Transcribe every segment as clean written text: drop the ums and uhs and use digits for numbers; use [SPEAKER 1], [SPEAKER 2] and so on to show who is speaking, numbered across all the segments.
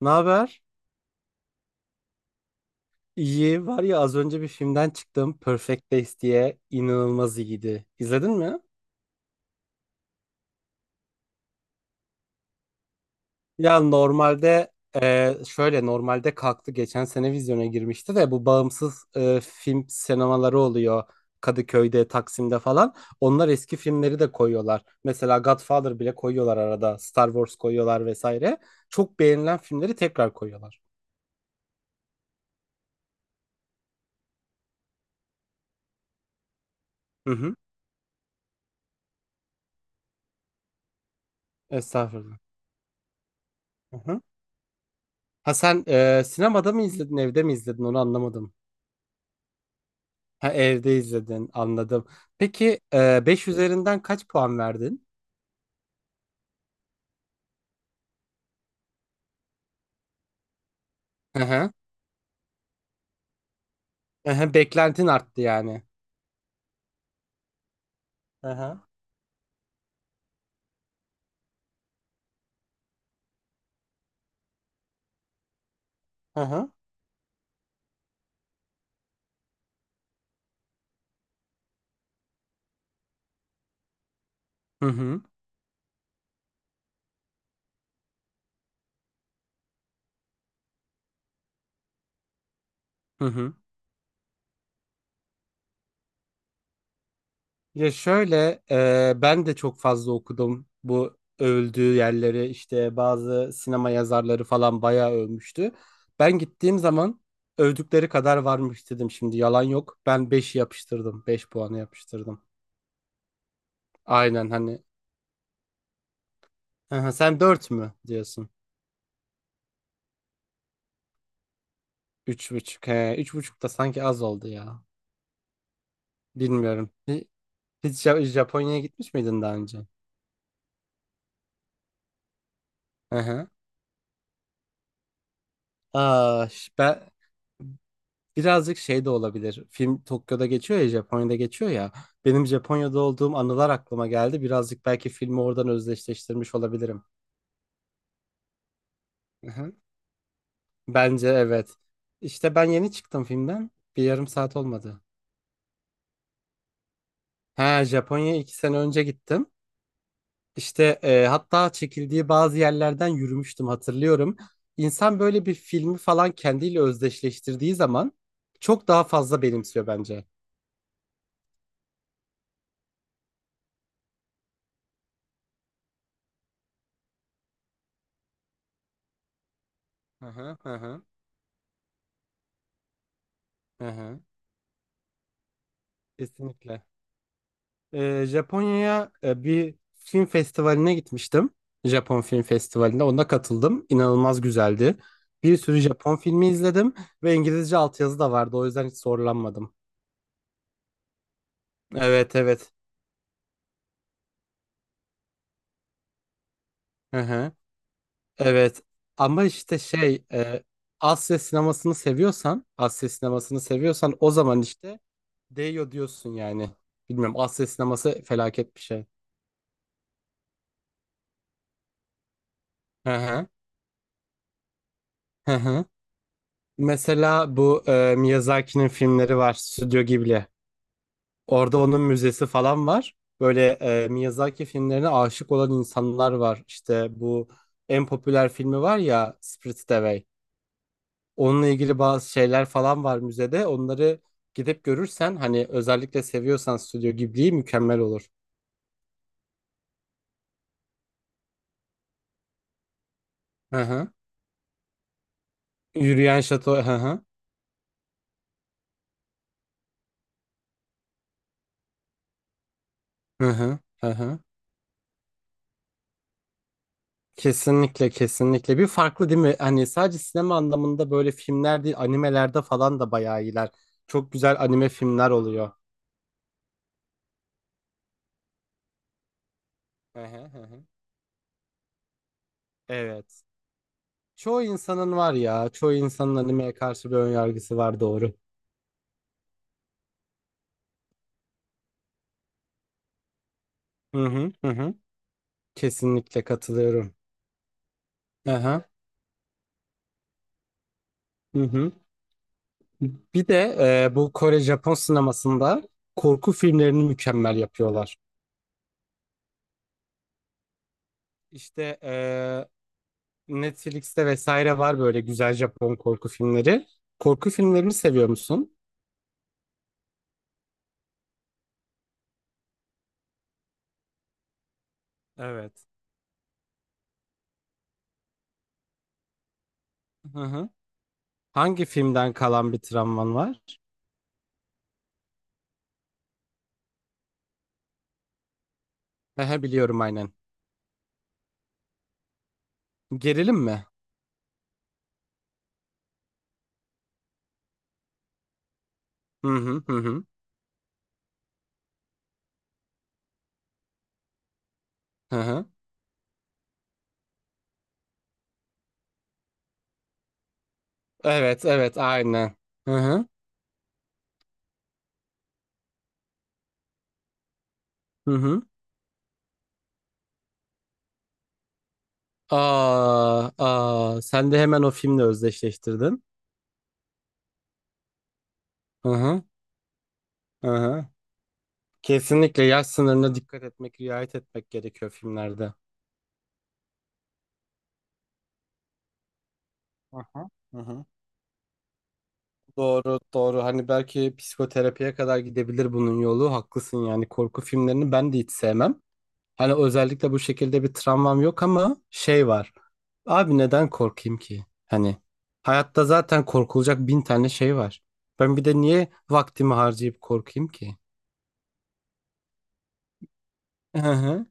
[SPEAKER 1] Ne haber? İyi. Var ya az önce bir filmden çıktım. Perfect Days diye inanılmaz iyiydi. İzledin mi? Ya normalde Şöyle normalde kalktı geçen sene vizyona girmişti de bu bağımsız film sinemaları oluyor. Kadıköy'de, Taksim'de falan. Onlar eski filmleri de koyuyorlar. Mesela Godfather bile koyuyorlar arada. Star Wars koyuyorlar vesaire. Çok beğenilen filmleri tekrar koyuyorlar. Hı hı. Estağfurullah. Hı hı. Ha sen sinemada mı izledin, evde mi izledin onu anlamadım. Ha, evde izledin anladım. Peki 5 üzerinden kaç puan verdin? Hı hı. Hı hı, beklentin arttı yani. Hı hı. Hı hı. Hı hı. Hı hı. Ya şöyle ben de çok fazla okudum bu övüldüğü yerleri işte bazı sinema yazarları falan bayağı övmüştü. Ben gittiğim zaman övdükleri kadar varmış dedim şimdi yalan yok. Ben 5'i yapıştırdım 5 puanı yapıştırdım. Aynen hani. Hı hı, sen 4 mü diyorsun? Üç buçuk. He, 3,5 da sanki az oldu ya. Bilmiyorum. Hiç Japonya'ya gitmiş miydin daha önce? Hı hı. Aa, ben birazcık şey de olabilir. Film Tokyo'da geçiyor ya, Japonya'da geçiyor ya. Benim Japonya'da olduğum anılar aklıma geldi. Birazcık belki filmi oradan özdeşleştirmiş olabilirim. Hı hı. Bence evet. İşte ben yeni çıktım filmden. Bir yarım saat olmadı. Ha, Japonya'ya 2 sene önce gittim. İşte hatta çekildiği bazı yerlerden yürümüştüm hatırlıyorum. İnsan böyle bir filmi falan kendiyle özdeşleştirdiği zaman çok daha fazla benimsiyor bence. Hı hı hı hı. Hı hı. Kesinlikle. Japonya'ya bir film festivaline gitmiştim. Japon Film Festivali'ne ona katıldım. İnanılmaz güzeldi. Bir sürü Japon filmi izledim ve İngilizce altyazı da vardı. O yüzden hiç zorlanmadım. Evet evet. Hı hı. Evet ama işte şey Asya sinemasını seviyorsan o zaman işte değiyor diyorsun yani. Bilmiyorum Asya sineması felaket bir şey. Hı hı. Hı hı. Mesela bu Miyazaki'nin filmleri var Stüdyo Ghibli. Orada onun müzesi falan var. Böyle Miyazaki filmlerine aşık olan insanlar var. İşte bu en popüler filmi var ya Spirited Away. Onunla ilgili bazı şeyler falan var müzede. Onları gidip görürsen hani özellikle seviyorsan Stüdyo Ghibli'yi mükemmel olur. Hı hı. Yürüyen Şato. Hı hı. Hı hı. Hı hı. Kesinlikle kesinlikle bir farklı değil mi? Hani sadece sinema anlamında böyle filmler değil animelerde falan da bayağı iyiler. Çok güzel anime filmler oluyor. Hı hı hı. Hı. Evet. Çoğu insanın var ya. Çoğu insanın animeye karşı bir önyargısı var doğru. Hı hı hı. Hı. Kesinlikle katılıyorum. Hı hı. Hı hı. Bir de bu Kore Japon sinemasında korku filmlerini mükemmel yapıyorlar. İşte Netflix'te vesaire var böyle güzel Japon korku filmleri. Korku filmlerini seviyor musun? Evet. Hı hı. Hangi filmden kalan bir travman var? He he, biliyorum aynen. Gerilim mi? Hı hı hı hı. Hı hı. Evet evet aynen. Hı hı hı hı. Aa, aa, sen de hemen o filmle özdeşleştirdin. Hı hı hı hı. Kesinlikle yaş sınırına dikkat etmek, riayet etmek gerekiyor filmlerde. Hı hı. Hı hı. Doğru, doğru. Hani belki psikoterapiye kadar gidebilir bunun yolu. Haklısın yani korku filmlerini ben de hiç sevmem. Hani özellikle bu şekilde bir travmam yok ama şey var. Abi neden korkayım ki? Hani hayatta zaten korkulacak bin tane şey var. Ben bir de niye vaktimi harcayıp korkayım ki? Hı hı.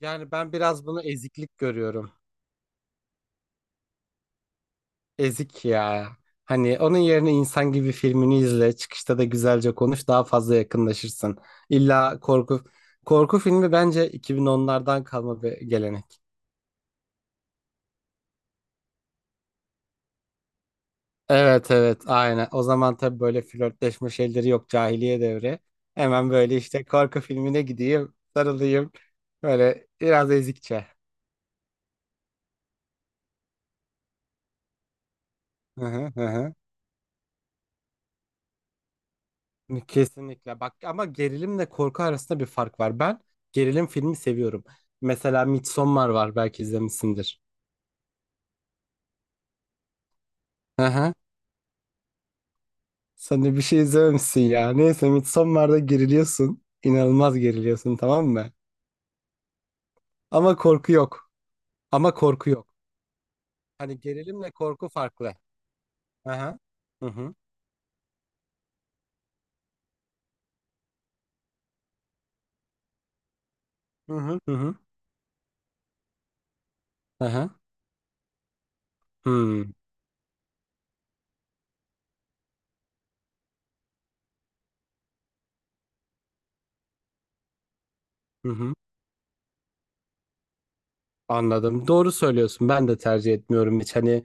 [SPEAKER 1] Yani ben biraz bunu eziklik görüyorum. Ezik ya. Hani onun yerine insan gibi filmini izle. Çıkışta da güzelce konuş. Daha fazla yakınlaşırsın. İlla korku filmi bence 2010'lardan kalma bir gelenek. Evet evet aynen. O zaman tabii böyle flörtleşme şeyleri yok cahiliye devri. Hemen böyle işte korku filmine gideyim, sarılayım. Böyle biraz ezikçe. Hı hı hı. Hı. Kesinlikle. Bak ama gerilimle korku arasında bir fark var. Ben gerilim filmi seviyorum. Mesela Midsommar var belki izlemişsindir. Aha. Sen de bir şey izlememişsin ya. Neyse Midsommar'da geriliyorsun. İnanılmaz geriliyorsun tamam mı? Ama korku yok. Ama korku yok. Hani gerilimle korku farklı. Aha. Hı hı. Hı hı. Hı hı. Aha. Hı. Hı hı. Anladım. Doğru söylüyorsun. Ben de tercih etmiyorum hiç. Hani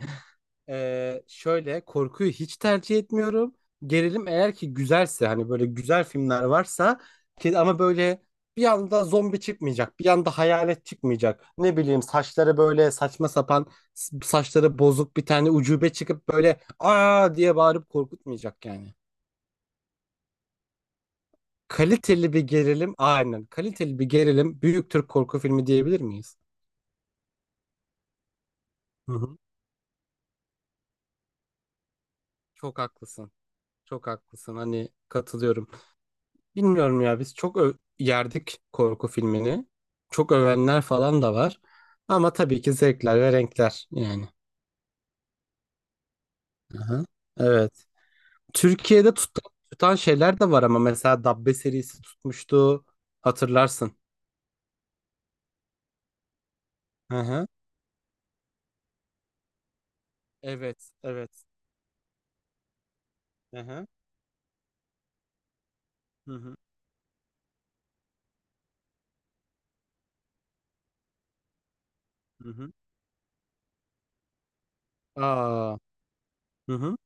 [SPEAKER 1] Şöyle korkuyu hiç tercih etmiyorum. Gerilim eğer ki güzelse hani böyle güzel filmler varsa ki ama böyle bir anda zombi çıkmayacak, bir anda hayalet çıkmayacak. Ne bileyim saçları böyle saçma sapan saçları bozuk bir tane ucube çıkıp böyle aa diye bağırıp korkutmayacak yani. Kaliteli bir gerilim aynen kaliteli bir gerilim büyük Türk korku filmi diyebilir miyiz? Hı hı. Çok haklısın. Çok haklısın. Hani katılıyorum. Bilmiyorum ya biz çok yerdik korku filmini. Çok övenler falan da var. Ama tabii ki zevkler ve renkler yani. Aha. Evet. Türkiye'de tutan şeyler de var ama mesela Dabbe serisi tutmuştu. Hatırlarsın. Aha. Evet, evet. Aha. Hı hı. Hı hı. Aa. Hı hı.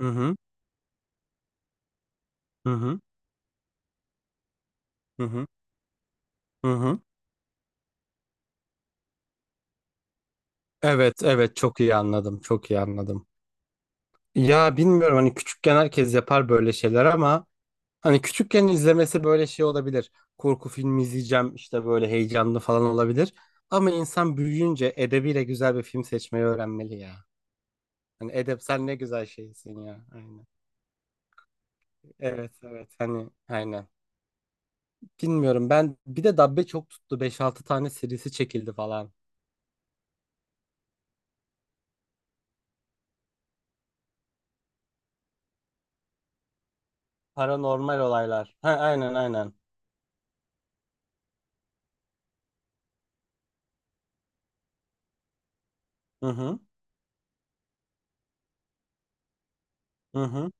[SPEAKER 1] Hı hı. Hı hı. Hı hı. Hı hı. Evet, evet çok iyi anladım. Çok iyi anladım. Ya bilmiyorum hani küçükken herkes yapar böyle şeyler ama hani küçükken izlemesi böyle şey olabilir. Korku filmi izleyeceğim işte böyle heyecanlı falan olabilir. Ama insan büyüyünce edebiyle güzel bir film seçmeyi öğrenmeli ya. Hani edep sen ne güzel şeysin ya. Aynen. Evet evet hani aynen. Bilmiyorum ben bir de Dabbe çok tuttu. 5-6 tane serisi çekildi falan. Paranormal olaylar. Ha, aynen aynen. Hı hı. Hı hı.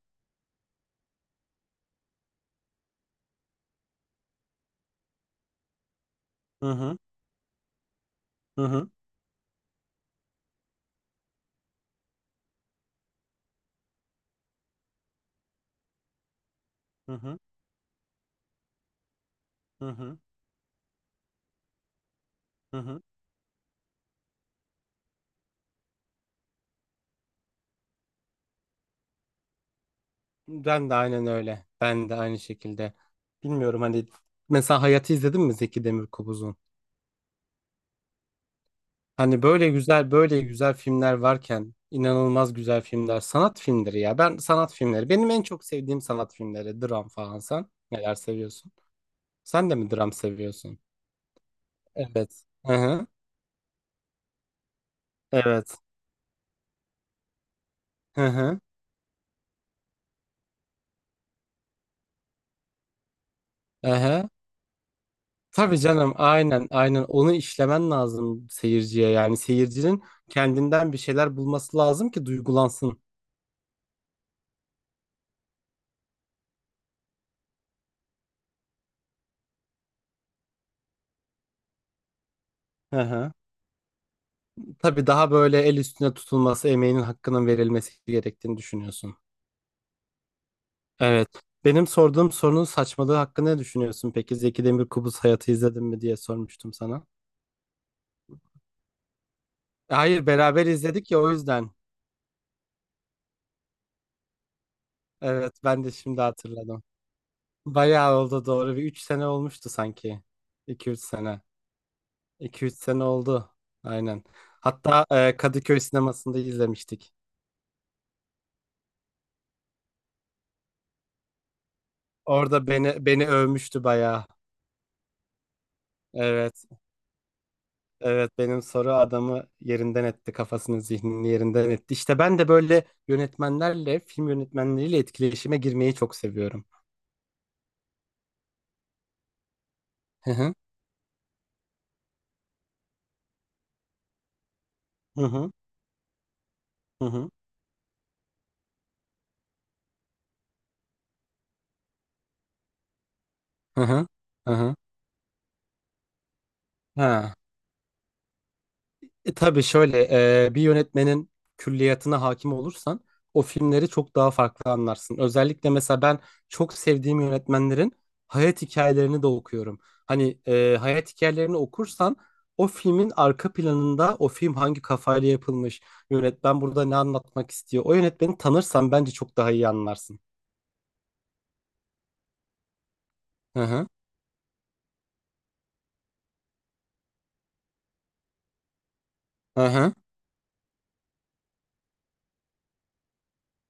[SPEAKER 1] Hı hı. Hı hı. Hı hı. Hı hı. Hı hı. Ben de aynen öyle. Ben de aynı şekilde. Bilmiyorum hani mesela Hayat'ı izledin mi Zeki Demirkubuz'un? Hani böyle güzel böyle güzel filmler varken inanılmaz güzel filmler sanat filmleri ya. Ben sanat filmleri benim en çok sevdiğim sanat filmleri dram falan sen neler seviyorsun? Sen de mi dram seviyorsun? Evet. Hı hı. Evet. Hı hı. Hı hı. Tabii canım aynen aynen onu işlemen lazım seyirciye yani seyircinin kendinden bir şeyler bulması lazım ki duygulansın. Hı hı. Tabii daha böyle el üstüne tutulması, emeğinin hakkının verilmesi gerektiğini düşünüyorsun. Evet. Benim sorduğum sorunun saçmalığı hakkında ne düşünüyorsun? Peki Zeki Demirkubuz Hayatı izledin mi diye sormuştum sana. Hayır, beraber izledik ya o yüzden. Evet, ben de şimdi hatırladım. Bayağı oldu doğru. Bir 3 sene olmuştu sanki. 2 3 sene. 2 üç sene oldu. Aynen. Hatta Kadıköy sinemasında izlemiştik. Orada beni övmüştü bayağı. Evet. Evet benim soru adamı yerinden etti kafasını zihnini yerinden etti. İşte ben de böyle yönetmenlerle film yönetmenleriyle etkileşime girmeyi çok seviyorum. Hı hı hı hı hı hı hı hı. Hı. Hı. Ha. Tabii şöyle bir yönetmenin külliyatına hakim olursan o filmleri çok daha farklı anlarsın. Özellikle mesela ben çok sevdiğim yönetmenlerin hayat hikayelerini de okuyorum. Hani hayat hikayelerini okursan o filmin arka planında o film hangi kafayla yapılmış, yönetmen burada ne anlatmak istiyor. O yönetmeni tanırsan bence çok daha iyi anlarsın. Hı hı. Hı hı.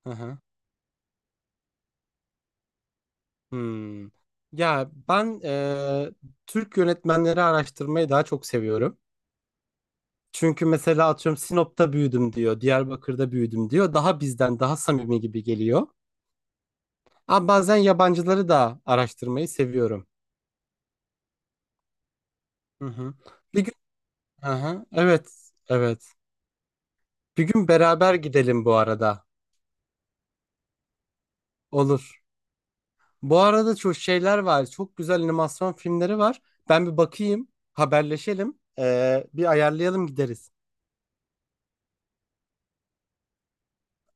[SPEAKER 1] Hı hı. Hmm. Ya ben Türk yönetmenleri araştırmayı daha çok seviyorum. Çünkü mesela atıyorum Sinop'ta büyüdüm diyor, Diyarbakır'da büyüdüm diyor. Daha bizden daha samimi gibi geliyor. Ama bazen yabancıları da araştırmayı seviyorum. Hı hı. Bir gün, hı hı. Evet, evet. Bir gün beraber gidelim bu arada. Olur. Bu arada çok şeyler var. Çok güzel animasyon filmleri var. Ben bir bakayım, haberleşelim. Bir ayarlayalım gideriz.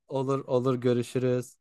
[SPEAKER 1] Olur, olur. Görüşürüz.